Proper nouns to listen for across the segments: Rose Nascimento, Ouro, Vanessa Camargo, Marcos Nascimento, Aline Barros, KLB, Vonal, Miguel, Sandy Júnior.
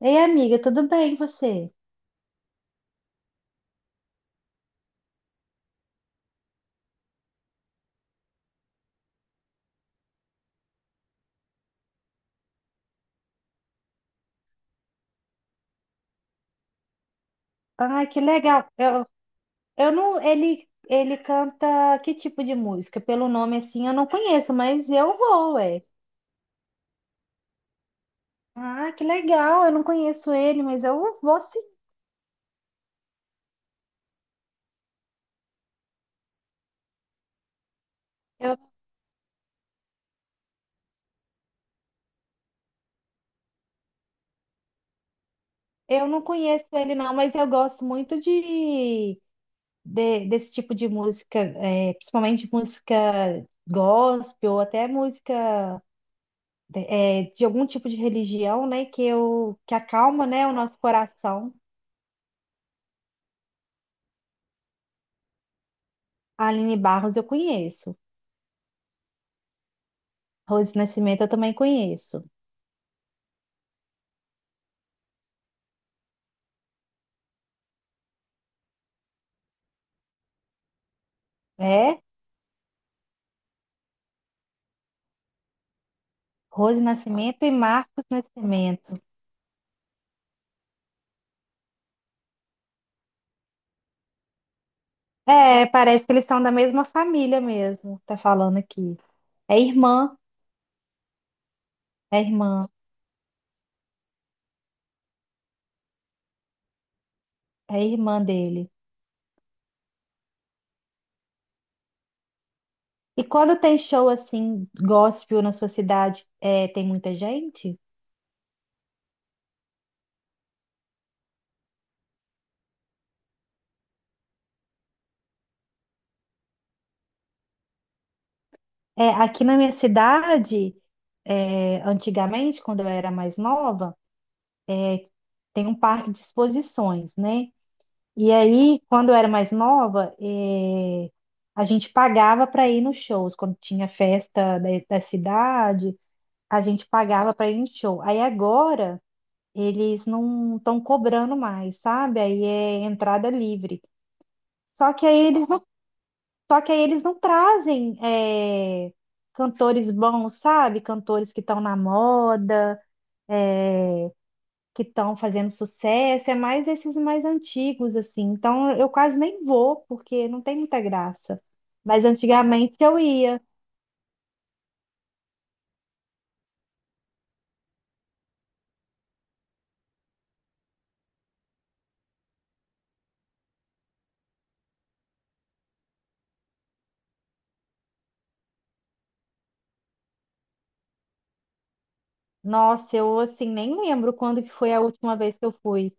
Ei, amiga, tudo bem e você? Ai, que legal. Eu não, ele, canta que tipo de música? Pelo nome assim, eu não conheço, mas eu vou, ué. Ah, que legal. Eu não conheço ele, mas eu vou sim. Eu, eu não conheço ele não, mas eu gosto muito de, desse tipo de música, principalmente música gospel ou até música de algum tipo de religião, né? Que acalma, né, o nosso coração. A Aline Barros eu conheço. Rose Nascimento eu também conheço. É? Rose Nascimento e Marcos Nascimento. É, parece que eles são da mesma família mesmo, tá falando aqui. É irmã, é irmã, é irmã dele. E quando tem show assim, gospel na sua cidade, é, tem muita gente? É, aqui na minha cidade, antigamente, quando eu era mais nova, tem um parque de exposições, né? E aí, quando eu era mais nova, a gente pagava para ir nos shows. Quando tinha festa da, da cidade, a gente pagava para ir no show. Aí agora, eles não estão cobrando mais, sabe? Aí é entrada livre. Só que aí eles não, só que aí eles não trazem, eh, cantores bons, sabe? Cantores que estão na moda, que estão fazendo sucesso, é mais esses mais antigos, assim. Então eu quase nem vou, porque não tem muita graça. Mas antigamente eu ia. Nossa, eu assim nem lembro quando que foi a última vez que eu fui.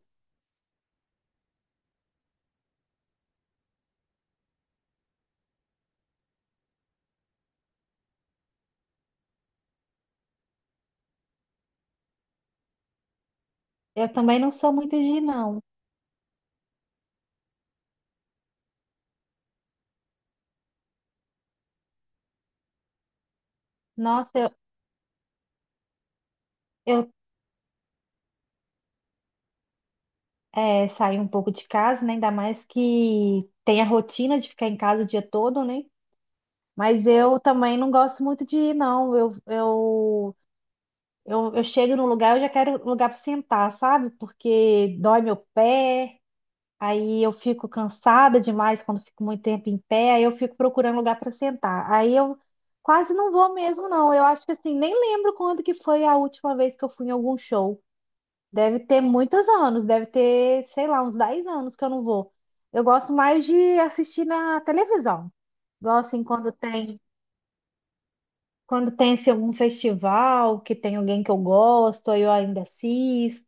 Eu também não sou muito de ir, não. Nossa, eu é, saí um pouco de casa, né? Ainda mais que tem a rotina de ficar em casa o dia todo, né? Mas eu também não gosto muito de ir, não. Eu chego num lugar, eu já quero um lugar para sentar, sabe? Porque dói meu pé, aí eu fico cansada demais quando fico muito tempo em pé, aí eu fico procurando lugar para sentar. Aí eu quase não vou mesmo, não. Eu acho que assim, nem lembro quando que foi a última vez que eu fui em algum show. Deve ter muitos anos, deve ter, sei lá, uns 10 anos que eu não vou. Eu gosto mais de assistir na televisão. Gosto assim quando tem. Quando tem assim, algum festival que tem alguém que eu gosto, aí eu ainda assisto.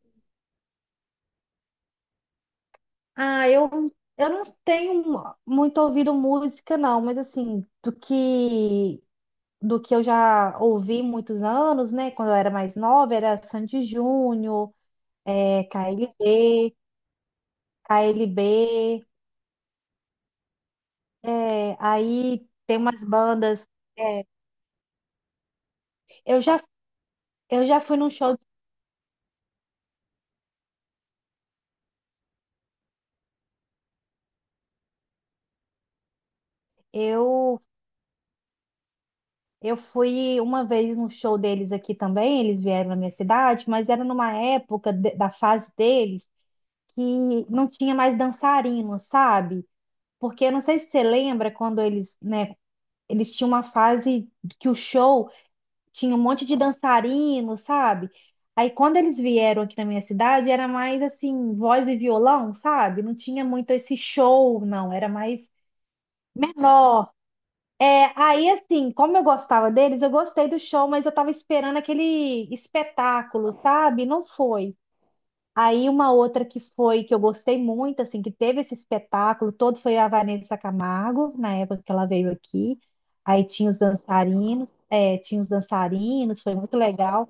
Ah, eu não tenho muito ouvido música, não, mas assim, do que eu já ouvi muitos anos, né? Quando eu era mais nova, era Sandy Júnior, KLB, KLB, é, aí tem umas bandas. é, eu já, eu já fui num show, eu, eu fui uma vez num show deles aqui também, eles vieram na minha cidade, mas era numa época da fase deles que não tinha mais dançarino, sabe? Porque eu não sei se você lembra quando eles, né, eles tinham uma fase que o show tinha um monte de dançarino, sabe? Aí quando eles vieram aqui na minha cidade, era mais assim, voz e violão, sabe? Não tinha muito esse show, não, era mais menor. É, aí assim, como eu gostava deles, eu gostei do show, mas eu tava esperando aquele espetáculo, sabe? Não foi. Aí uma outra que foi, que eu gostei muito, assim, que teve esse espetáculo todo foi a Vanessa Camargo, na época que ela veio aqui. Aí tinha os dançarinos, tinha os dançarinos, foi muito legal.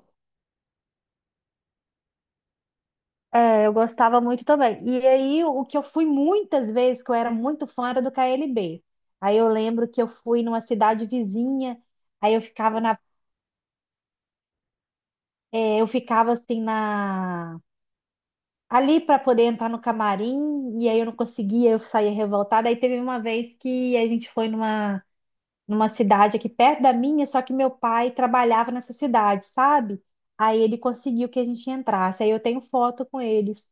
É, eu gostava muito também. E aí o que eu fui muitas vezes, que eu era muito fã, era do KLB. Aí eu lembro que eu fui numa cidade vizinha, aí eu ficava na, eu ficava assim na ali para poder entrar no camarim, e aí eu não conseguia, eu saía revoltada. Aí teve uma vez que a gente foi numa, numa cidade aqui perto da minha, só que meu pai trabalhava nessa cidade, sabe? Aí ele conseguiu que a gente entrasse. Aí eu tenho foto com eles.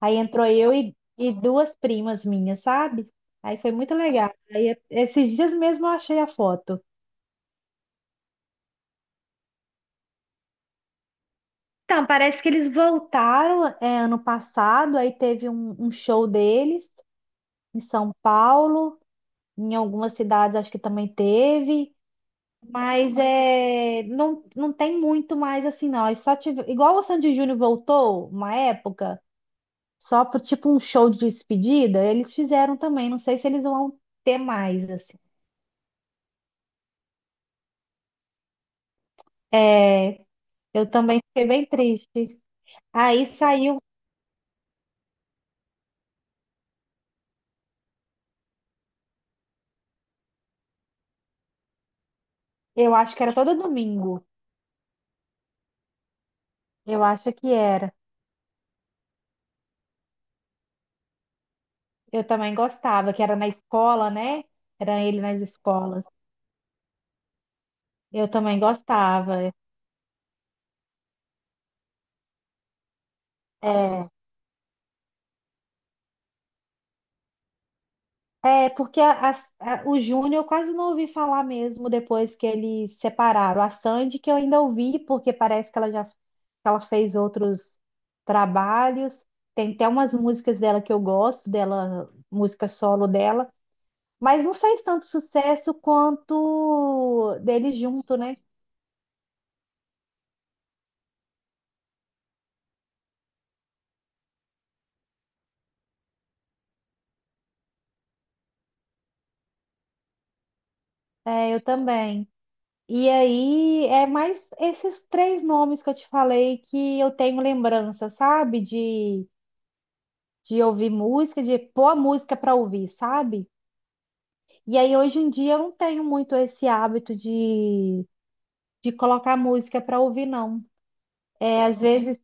Aí entrou eu e duas primas minhas, sabe? Aí foi muito legal. Aí esses dias mesmo eu achei a foto. Então, parece que eles voltaram, é, ano passado, aí teve um show deles em São Paulo. Em algumas cidades acho que também teve, mas é, não, não tem muito mais assim, não. Eles só tive, igual o Sandy Júnior voltou uma época, só por tipo um show de despedida, eles fizeram também. Não sei se eles vão ter mais, assim. É, eu também fiquei bem triste. Aí saiu, eu acho que era todo domingo. Eu acho que era. Eu também gostava, que era na escola, né? Era ele nas escolas. Eu também gostava. É. É porque o Júnior eu quase não ouvi falar mesmo depois que eles separaram. A Sandy que eu ainda ouvi, porque parece que ela já que ela fez outros trabalhos. Tem até umas músicas dela que eu gosto, dela, música solo dela, mas não fez tanto sucesso quanto deles junto, né? É, eu também. E aí é mais esses três nomes que eu te falei que eu tenho lembrança, sabe? De ouvir música, de pôr a música para ouvir, sabe? E aí hoje em dia eu não tenho muito esse hábito de colocar música para ouvir, não. É, às vezes,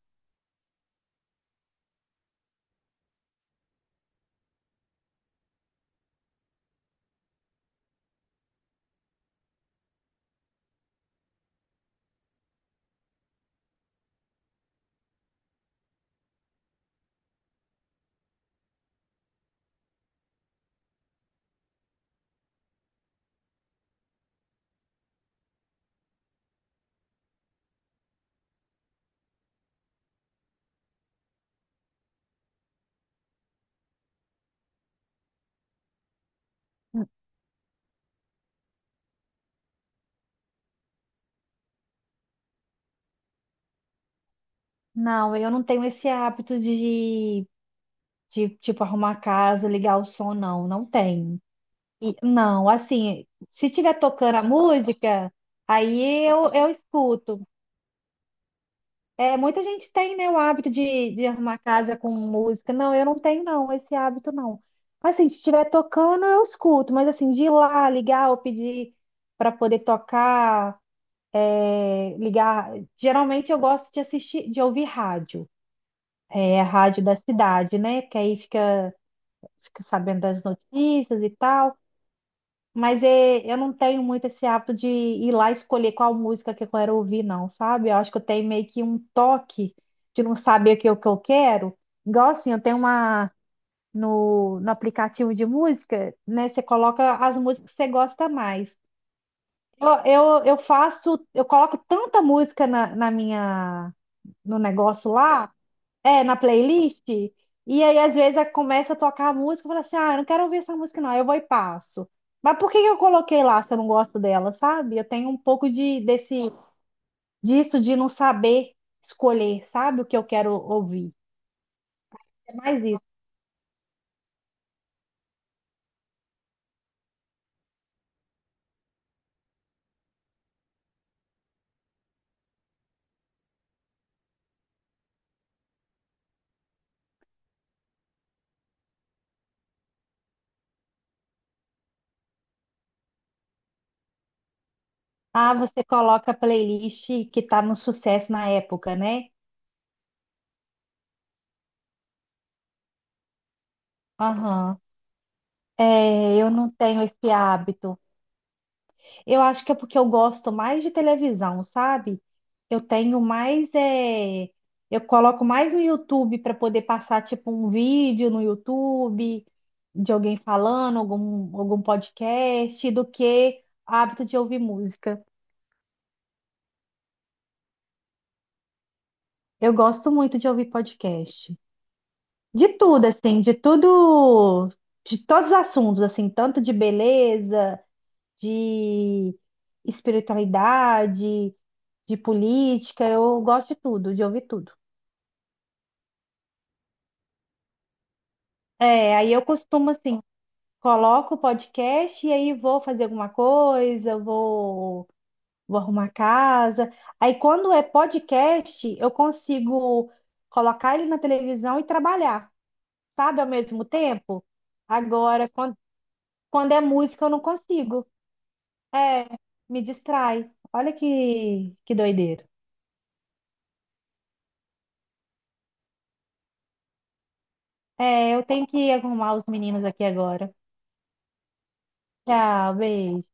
não, eu não tenho esse hábito de, tipo, arrumar a casa, ligar o som, não, não tenho. E, não, assim, se tiver tocando a música, aí eu escuto. É, muita gente tem, né, o hábito de arrumar casa com música. Não, eu não tenho, não, esse hábito não. Assim, se estiver tocando, eu escuto, mas assim, de ir lá, ligar ou pedir para poder tocar, é, ligar. Geralmente eu gosto de assistir, de ouvir rádio, a rádio da cidade, né? Que aí fica sabendo das notícias e tal. Mas é, eu não tenho muito esse hábito de ir lá escolher qual música que eu quero ouvir, não, sabe? Eu acho que eu tenho meio que um toque de não saber o que, o que eu quero. Igual assim, eu tenho uma no aplicativo de música, né? Você coloca as músicas que você gosta mais. Eu, eu coloco tanta música na minha, no negócio lá na playlist. E aí, às vezes, começa a tocar a música e fala assim: ah, eu não quero ouvir essa música, não, eu vou e passo. Mas por que que eu coloquei lá se eu não gosto dela, sabe? Eu tenho um pouco de, desse, disso de não saber escolher, sabe, o que eu quero ouvir. É mais isso. Ah, você coloca a playlist que tá no sucesso na época, né? Aham. É, eu não tenho esse hábito. Eu acho que é porque eu gosto mais de televisão, sabe? Eu tenho mais, eu coloco mais no YouTube para poder passar tipo um vídeo no YouTube de alguém falando, algum podcast, do que hábito de ouvir música. Eu gosto muito de ouvir podcast. De tudo, assim, de tudo, de todos os assuntos, assim, tanto de beleza, de espiritualidade, de política, eu gosto de tudo, de ouvir tudo. É, aí eu costumo assim, coloco o podcast e aí vou fazer alguma coisa, vou arrumar a casa. Aí quando é podcast, eu consigo colocar ele na televisão e trabalhar, sabe, ao mesmo tempo. Agora, quando é música, eu não consigo. É, me distrai. Olha que doideira. É, eu tenho que arrumar os meninos aqui agora. Tchau, beijo.